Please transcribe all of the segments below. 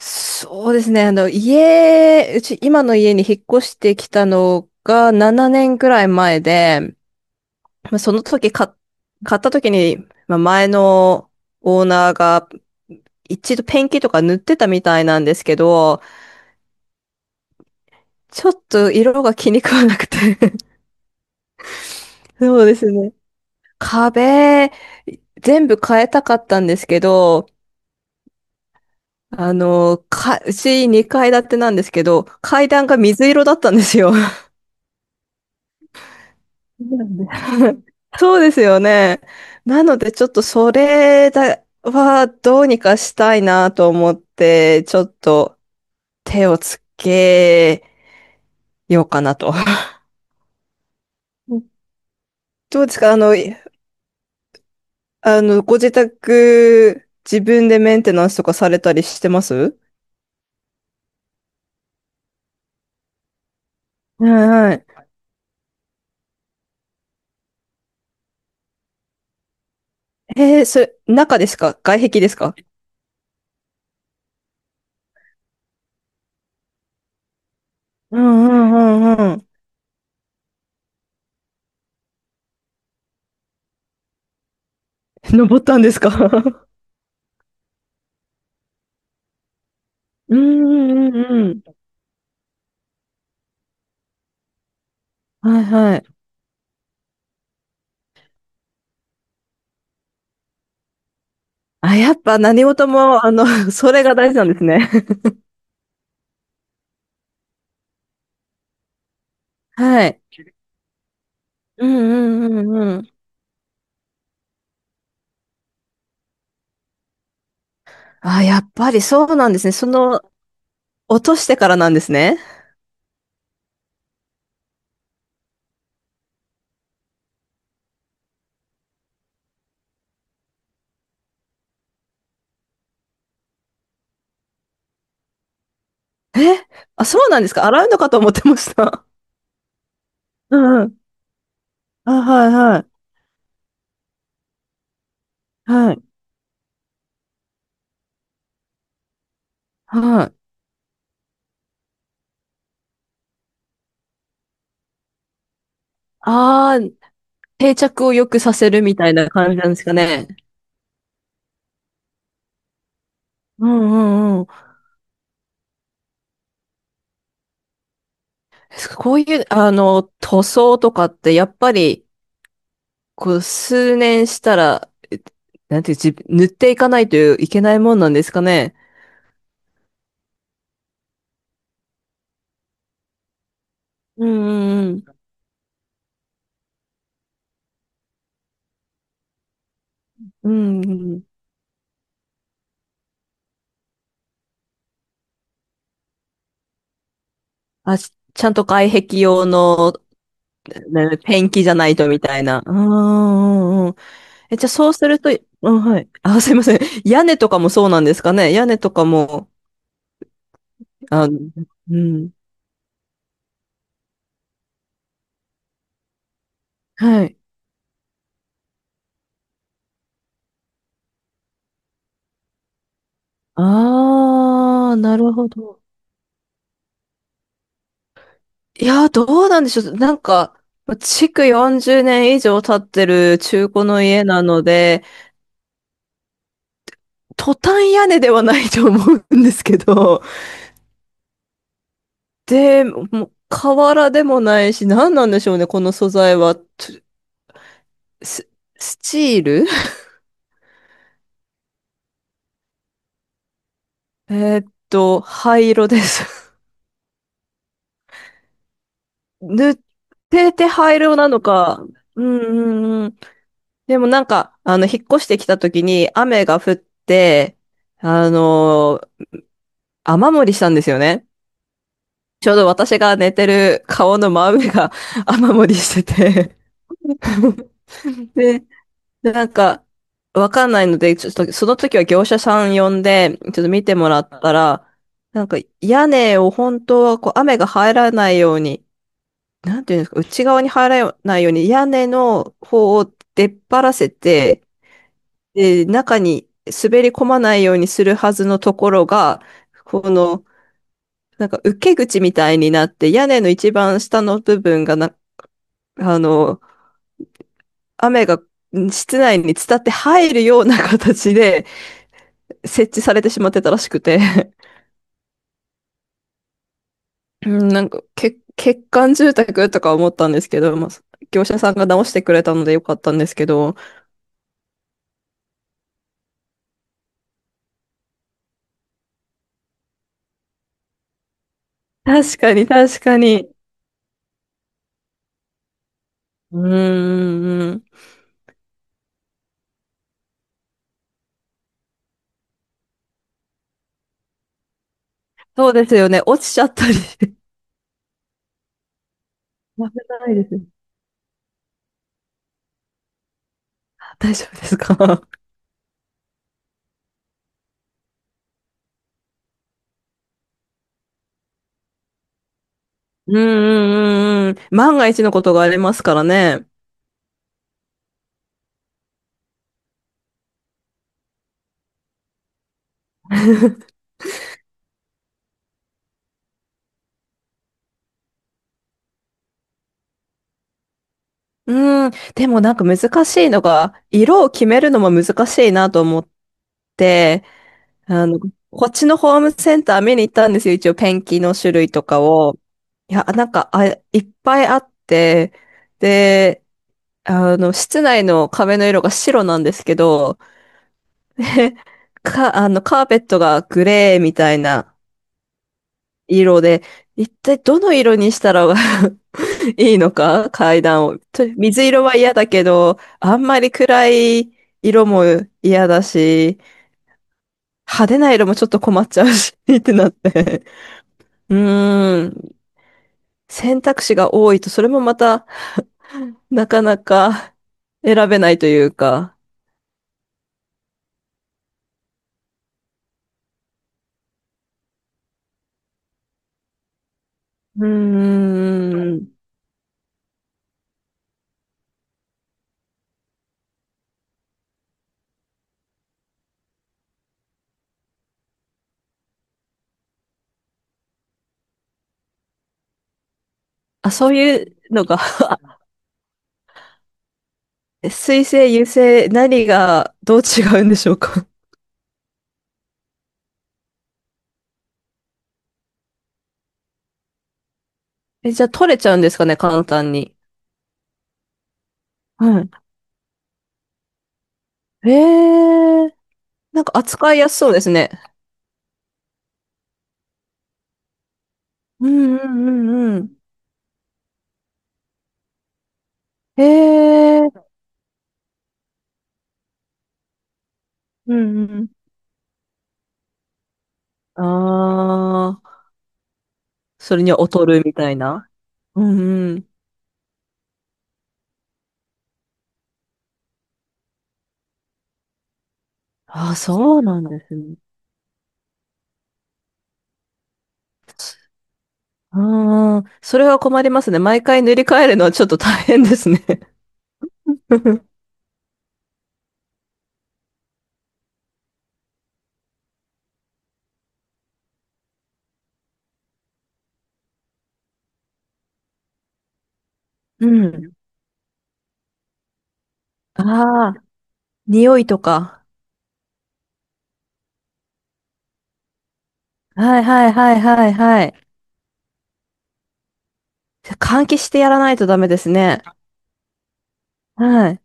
そうですね。家、うち、今の家に引っ越してきたのが7年くらい前で、その時買っ、買った時に、前のオーナーが一度ペンキとか塗ってたみたいなんですけど、ちょっと色が気に食わなくて。 そうですね。壁、全部変えたかったんですけど、うち2階建てなんですけど、階段が水色だったんですよ。そうですよね。なので、ちょっとそれだはどうにかしたいなと思って、ちょっと手をつけようかなと。どうですかあの、ご自宅、自分でメンテナンスとかされたりしてます？はいはい。えー、それ、中ですか外壁ですか？うんうんうんうん。登ったんですか？ うんうんうんうん。はいはい。あ、やっぱ何事も、あの、それが大事なんですね。はい。うんうんうんうん。あ、やっぱりそうなんですね。落としてからなんですね。え、あ、そうなんですか。洗うのかと思ってました。うんうん。あ、はいはい。はい。はい。ああ、定着を良くさせるみたいな感じなんですかね。うんうんうん。こういう、あの、塗装とかってやっぱり、こう、数年したら、なんていう、じ塗っていかないといけないもんなんですかね。うんうんうん。うんうんあ、ちゃんと外壁用の、ね、ペンキじゃないとみたいな。うんうんうん。え、じゃあそうすると、うん、はい。あ、すいません。屋根とかもそうなんですかね。屋根とかも、あ、うん。はい。ああ、なるほど。いや、どうなんでしょう。なんか、築40年以上経ってる中古の家なので、トタン屋根ではないと思うんですけど、で、もう、瓦でもないし、何なんでしょうね、この素材は。ス、スチール。 えっと、灰色です。塗ってて灰色なのか。うんうんうん。でもなんか、あの、引っ越してきた時に雨が降って、あのー雨漏りしたんですよね。ちょうど私が寝てる顔の真上が 雨漏りしてて。で、なんか、わかんないので、ちょっと、その時は業者さん呼んで、ちょっと見てもらったら、なんか屋根を本当はこう雨が入らないように、なんていうんですか、内側に入らないように屋根の方を出っ張らせて、で、中に滑り込まないようにするはずのところが、この、なんか受け口みたいになって、屋根の一番下の部分がな、あの、雨が室内に伝って入るような形で設置されてしまってたらしくて、なんか、け欠陥住宅とか思ったんですけど、まあ、業者さんが直してくれたのでよかったんですけど、確かに確かに。うんうんうん。そうですよね。落ちちゃったりして。危ないですね。大丈夫ですか？うんうんうんうん。万が一のことがありますからね。うん。でもなんか難しいのが、色を決めるのも難しいなと思って、あの、っちのホームセンター見に行ったんですよ。一応ペンキの種類とかを。いや、なんか、っぱいあって、で、あの、室内の壁の色が白なんですけど、あの、カーペットがグレーみたいな色で、一体どの色にしたら いいのか階段を。水色は嫌だけど、あんまり暗い色も嫌だし、派手な色もちょっと困っちゃうし ってなって。うーん。選択肢が多いと、それもまた、なかなか選べないというか。うーん。あ、そういうのが、水星、油星、何がどう違うんでしょうか？え、じゃあ取れちゃうんですかね、簡単に。はい。えー、なんか扱いやすそうですね。うんうんうんうん。えー、うんうん。ああそれには劣るみたいな。うんうん。ああそうなんですね。あー、それは困りますね。毎回塗り替えるのはちょっと大変ですね。うん。ああ、匂いとか。はいはいはいはいはい。じゃあ換気してやらないとダメですね。はい。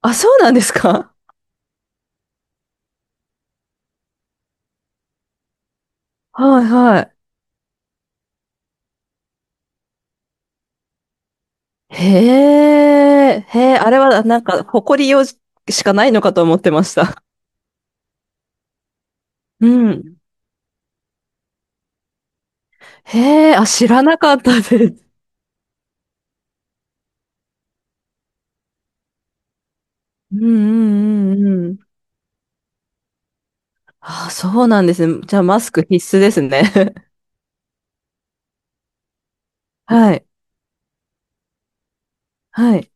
あ、そうなんですか？はいはい。へえ、へえ、あれはなんか、誇りよしかないのかと思ってました。うん。へえ、あ、知らなかったです。うんうんうんうん。あ、そうなんですね。じゃあ、マスク必須ですね。はい。はい。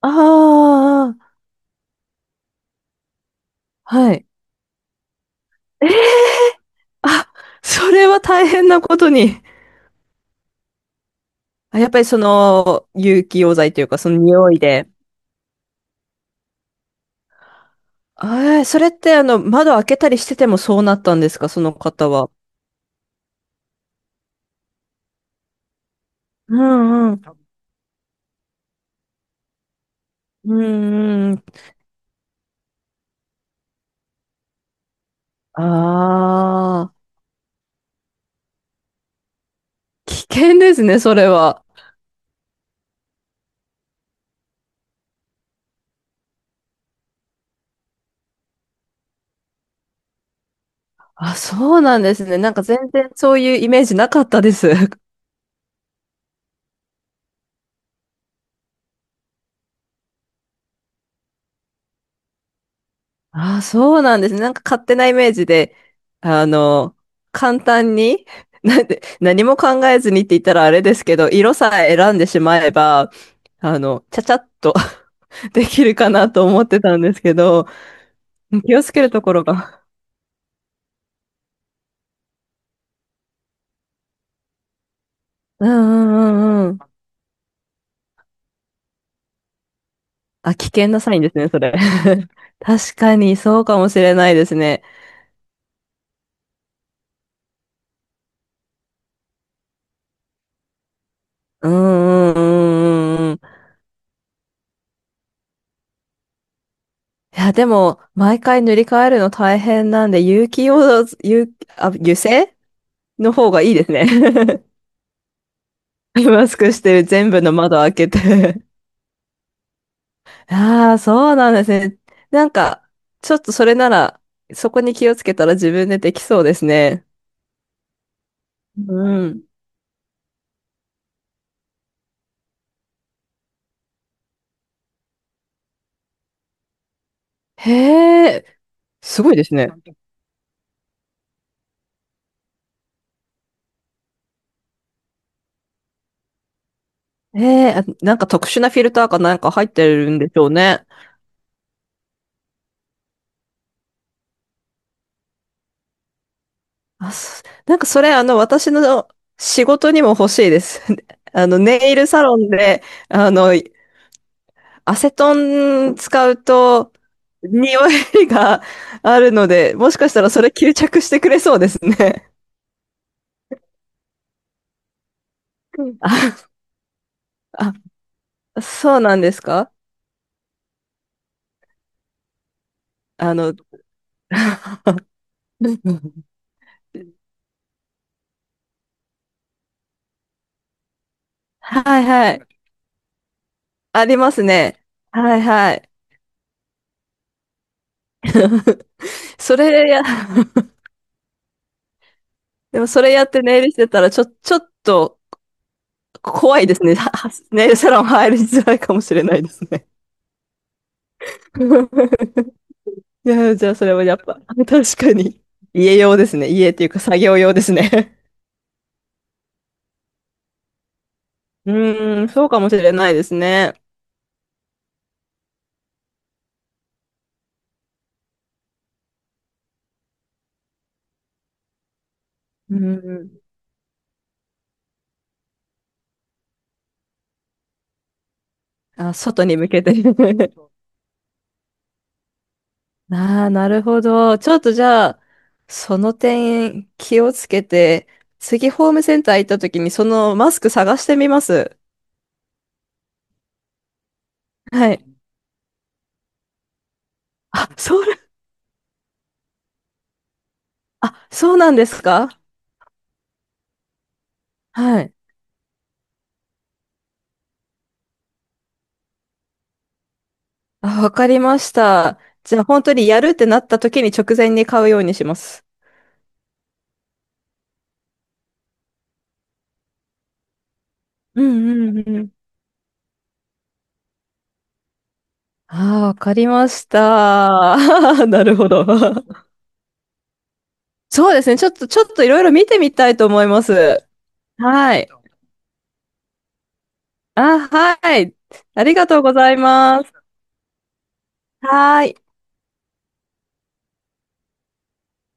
ああ、はい。あ、それは大変なことに。あやっぱりその、有機溶剤というか、その匂いで。ええ、それってあの、窓開けたりしててもそうなったんですか、その方は。うんうん。うんうん。ああ、危険ですね、それは。あ、そうなんですね。なんか全然そういうイメージなかったです。あ、そうなんですね。なんか勝手なイメージで、あの、簡単に、なんで、何も考えずにって言ったらあれですけど、色さえ選んでしまえば、あの、ちゃちゃっと できるかなと思ってたんですけど、気をつけるところが。うんうんうんうん。あ、危険なサインですね、それ。確かに、そうかもしれないですね。うーん、うん、うん。いや、でも、毎回塗り替えるの大変なんで、有機用、有、あ、油性の方がいいですね。マスクしてる全部の窓開けて。ああ、そうなんですね。なんか、ちょっとそれなら、そこに気をつけたら自分でできそうですね。うん。へえ、すごいですね。へえ、あなんか特殊なフィルターかなんか入ってるんでしょうね。あ、そなんかそれ、あの、私の仕事にも欲しいです。あの、ネイルサロンで、あの、アセトン使うと、匂いがあるので、もしかしたらそれ吸着してくれそうですね。うんあ、あ、そうなんですか？あの、はいはい。ありますね。はいはい。それや、でもそれやってネイルしてたら、ちょっと怖いですね。ね、サロン入りづらいかもしれないですね。いや、じゃあそれはやっぱ、確かに。家用ですね。家っていうか作業用ですね。うーん、そうかもしれないですね。うん。あ、外に向けて。 ああ、なるほど。ちょっとじゃあ、その点気をつけて、次ホームセンター行った時にそのマスク探してみます。はい。あ、そう、あ、そうなんですか？はい。あ、わかりました。じゃあ本当にやるってなった時に直前に買うようにします。うんうんうん。ああ、わかりました。なるほど。そうですね。ちょっと、ちょっといろいろ見てみたいと思います。はい。あ、はい。ありがとうございます。はい。